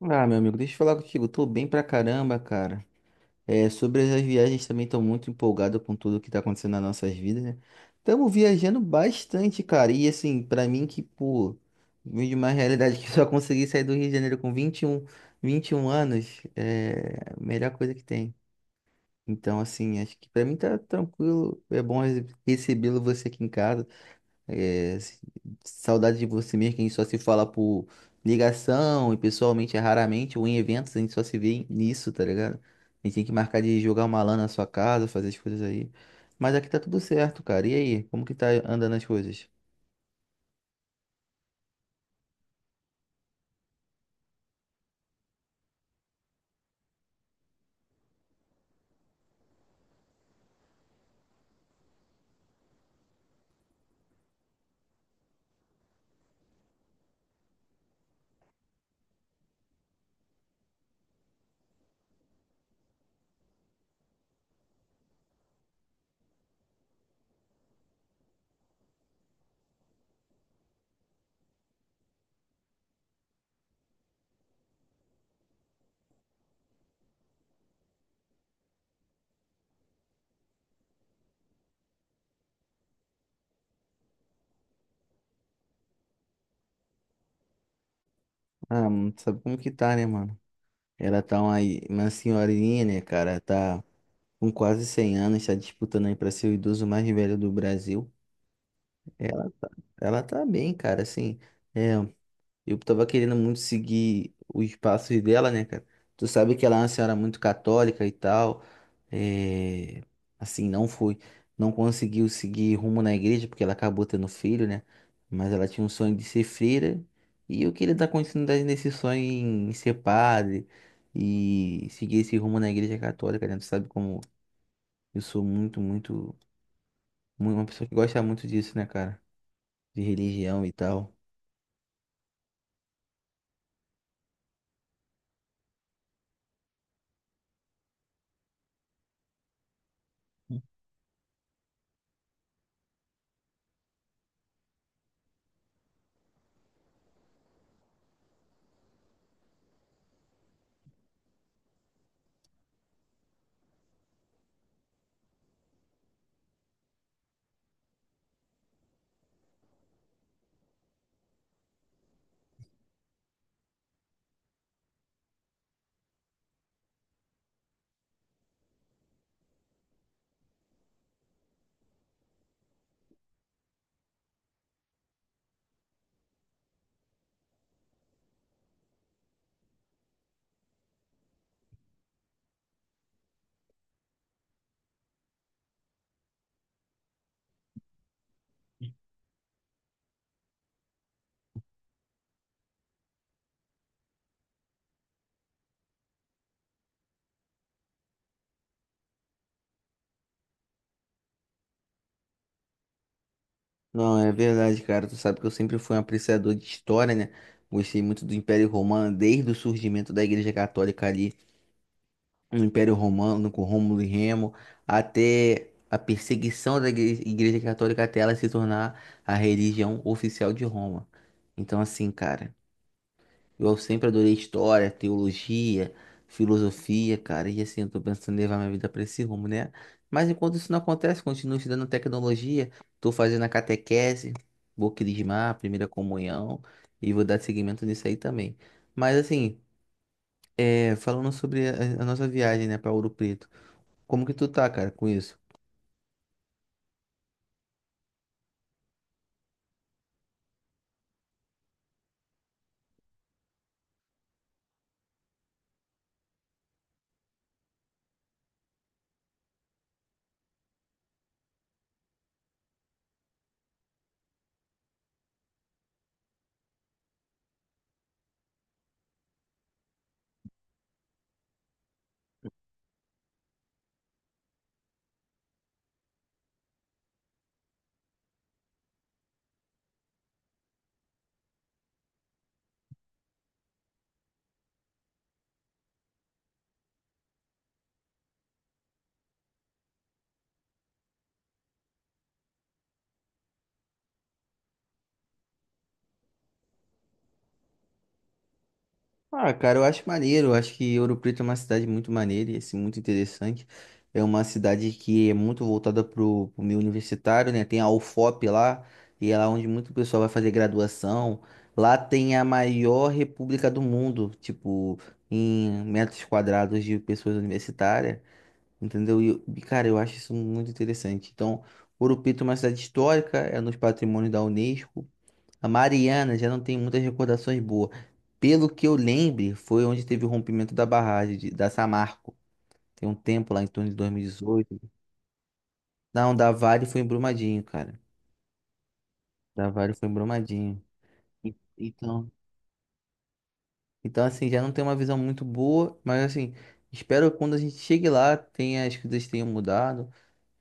Ah, meu amigo, deixa eu falar contigo. Eu tô bem pra caramba, cara. É, sobre as viagens também tô muito empolgado com tudo que tá acontecendo nas nossas vidas, né? Estamos viajando bastante, cara. E assim, pra mim que, pô, vim de uma realidade que só consegui sair do Rio de Janeiro com 21 anos, é a melhor coisa que tem. Então, assim, acho que pra mim tá tranquilo. É bom recebê-lo você aqui em casa. É, se- Saudade de você mesmo, que a gente só se fala por ligação e pessoalmente é raramente, ou em eventos, a gente só se vê nisso, tá ligado? A gente tem que marcar de jogar uma LAN na sua casa, fazer as coisas aí. Mas aqui tá tudo certo, cara. E aí, como que tá andando as coisas? Ah, mano, tu sabe como que tá, né, mano? Ela tá uma senhorinha, né, cara? Tá com quase 100 anos, tá disputando aí pra ser o idoso mais velho do Brasil. Ela tá, ela tá bem, cara, assim. É Eu tava querendo muito seguir os passos dela, né, cara? Tu sabe que ela é uma senhora muito católica e tal. É... Assim, não conseguiu seguir rumo na igreja porque ela acabou tendo filho, né? Mas ela tinha um sonho de ser freira e eu queria dar continuidade nesse sonho em ser padre e seguir esse rumo na igreja católica, né? Tu sabe como eu sou muito, muito, muito uma pessoa que gosta muito disso, né, cara? De religião e tal. Não, é verdade, cara. Tu sabe que eu sempre fui um apreciador de história, né? Gostei muito do Império Romano, desde o surgimento da Igreja Católica ali, no Império Romano, com Rômulo e Remo, até a perseguição da Igreja Católica até ela se tornar a religião oficial de Roma. Então, assim, cara. Eu sempre adorei história, teologia, filosofia, cara, e assim, eu tô pensando em levar minha vida para esse rumo, né? Mas enquanto isso não acontece, continuo estudando tecnologia, tô fazendo a catequese, vou crismar, a primeira comunhão, e vou dar seguimento nisso aí também. Mas assim, é, falando sobre a nossa viagem, né, para Ouro Preto, como que tu tá, cara, com isso? Ah, cara, eu acho maneiro. Eu acho que Ouro Preto é uma cidade muito maneira e assim, muito interessante. É uma cidade que é muito voltada pro meio universitário, né? Tem a UFOP lá, e é lá onde muito pessoal vai fazer graduação. Lá tem a maior república do mundo, tipo, em metros quadrados de pessoas universitárias, entendeu? E, cara, eu acho isso muito interessante. Então, Ouro Preto é uma cidade histórica, é nos patrimônios da Unesco. A Mariana já não tem muitas recordações boas. Pelo que eu lembre, foi onde teve o rompimento da da Samarco. Tem um tempo lá, em torno de 2018. Não, da Vale foi em Brumadinho, cara. Da Vale foi em Brumadinho. Então, então, assim, já não tem uma visão muito boa, mas assim, espero que quando a gente chegue lá, tenha, as coisas tenham mudado,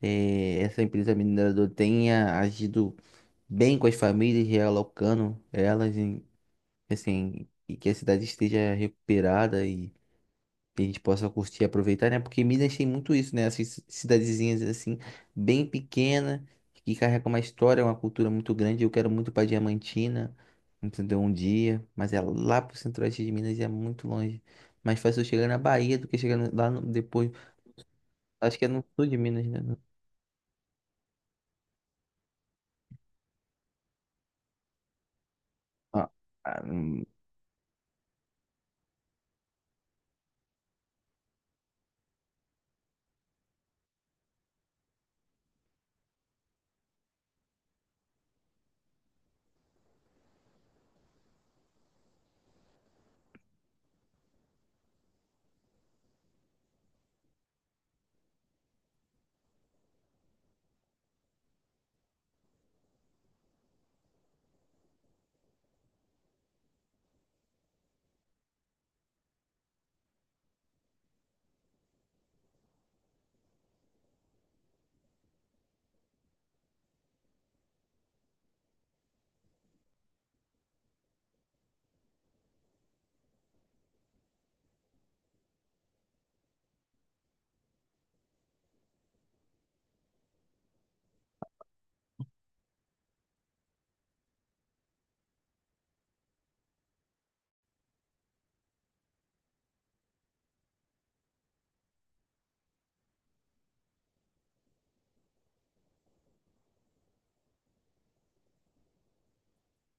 essa empresa mineradora tenha agido bem com as famílias, realocando elas, em, assim, e que a cidade esteja recuperada e que a gente possa curtir e aproveitar, né? Porque Minas tem muito isso, né? Essas cidadezinhas assim, bem pequena, que carrega uma história, uma cultura muito grande. Eu quero muito para Diamantina, entendeu? Um dia, mas é lá pro centro-oeste de Minas e é muito longe. Mais fácil eu chegar na Bahia do que chegar no- lá no- depois. Acho que é no sul de Minas, né? Ah, ah,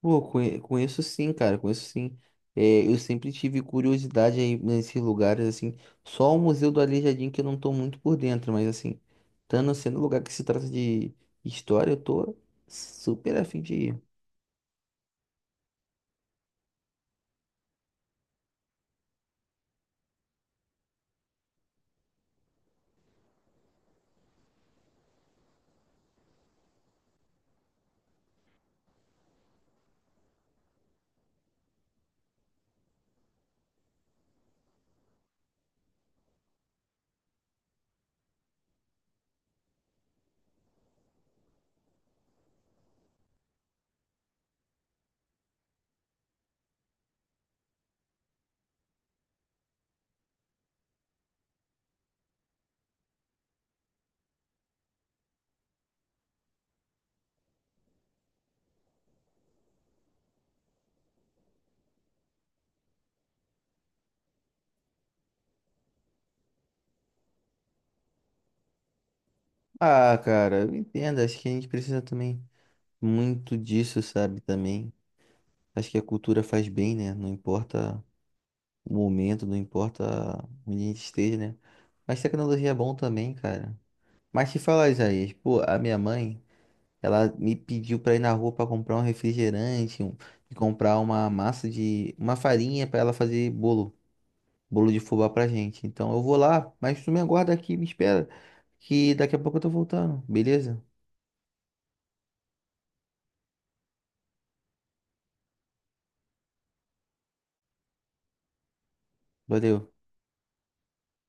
Pô, conheço sim, cara, conheço sim. É, eu sempre tive curiosidade aí nesses lugares, assim. Só o Museu do Aleijadinho que eu não tô muito por dentro, mas assim, estando sendo um lugar que se trata de história, eu tô super afim de ir. Ah, cara, eu entendo, acho que a gente precisa também muito disso, sabe, também. Acho que a cultura faz bem, né? Não importa o momento, não importa onde a gente esteja, né? Mas tecnologia é bom também, cara. Mas te falar, Isaías, pô, a minha mãe. Ela me pediu para ir na rua para comprar um refrigerante, um, e comprar uma massa uma farinha para ela fazer bolo, bolo de fubá pra gente. Então eu vou lá, mas tu me aguarda aqui, me espera, que daqui a pouco eu tô voltando, beleza? Valeu.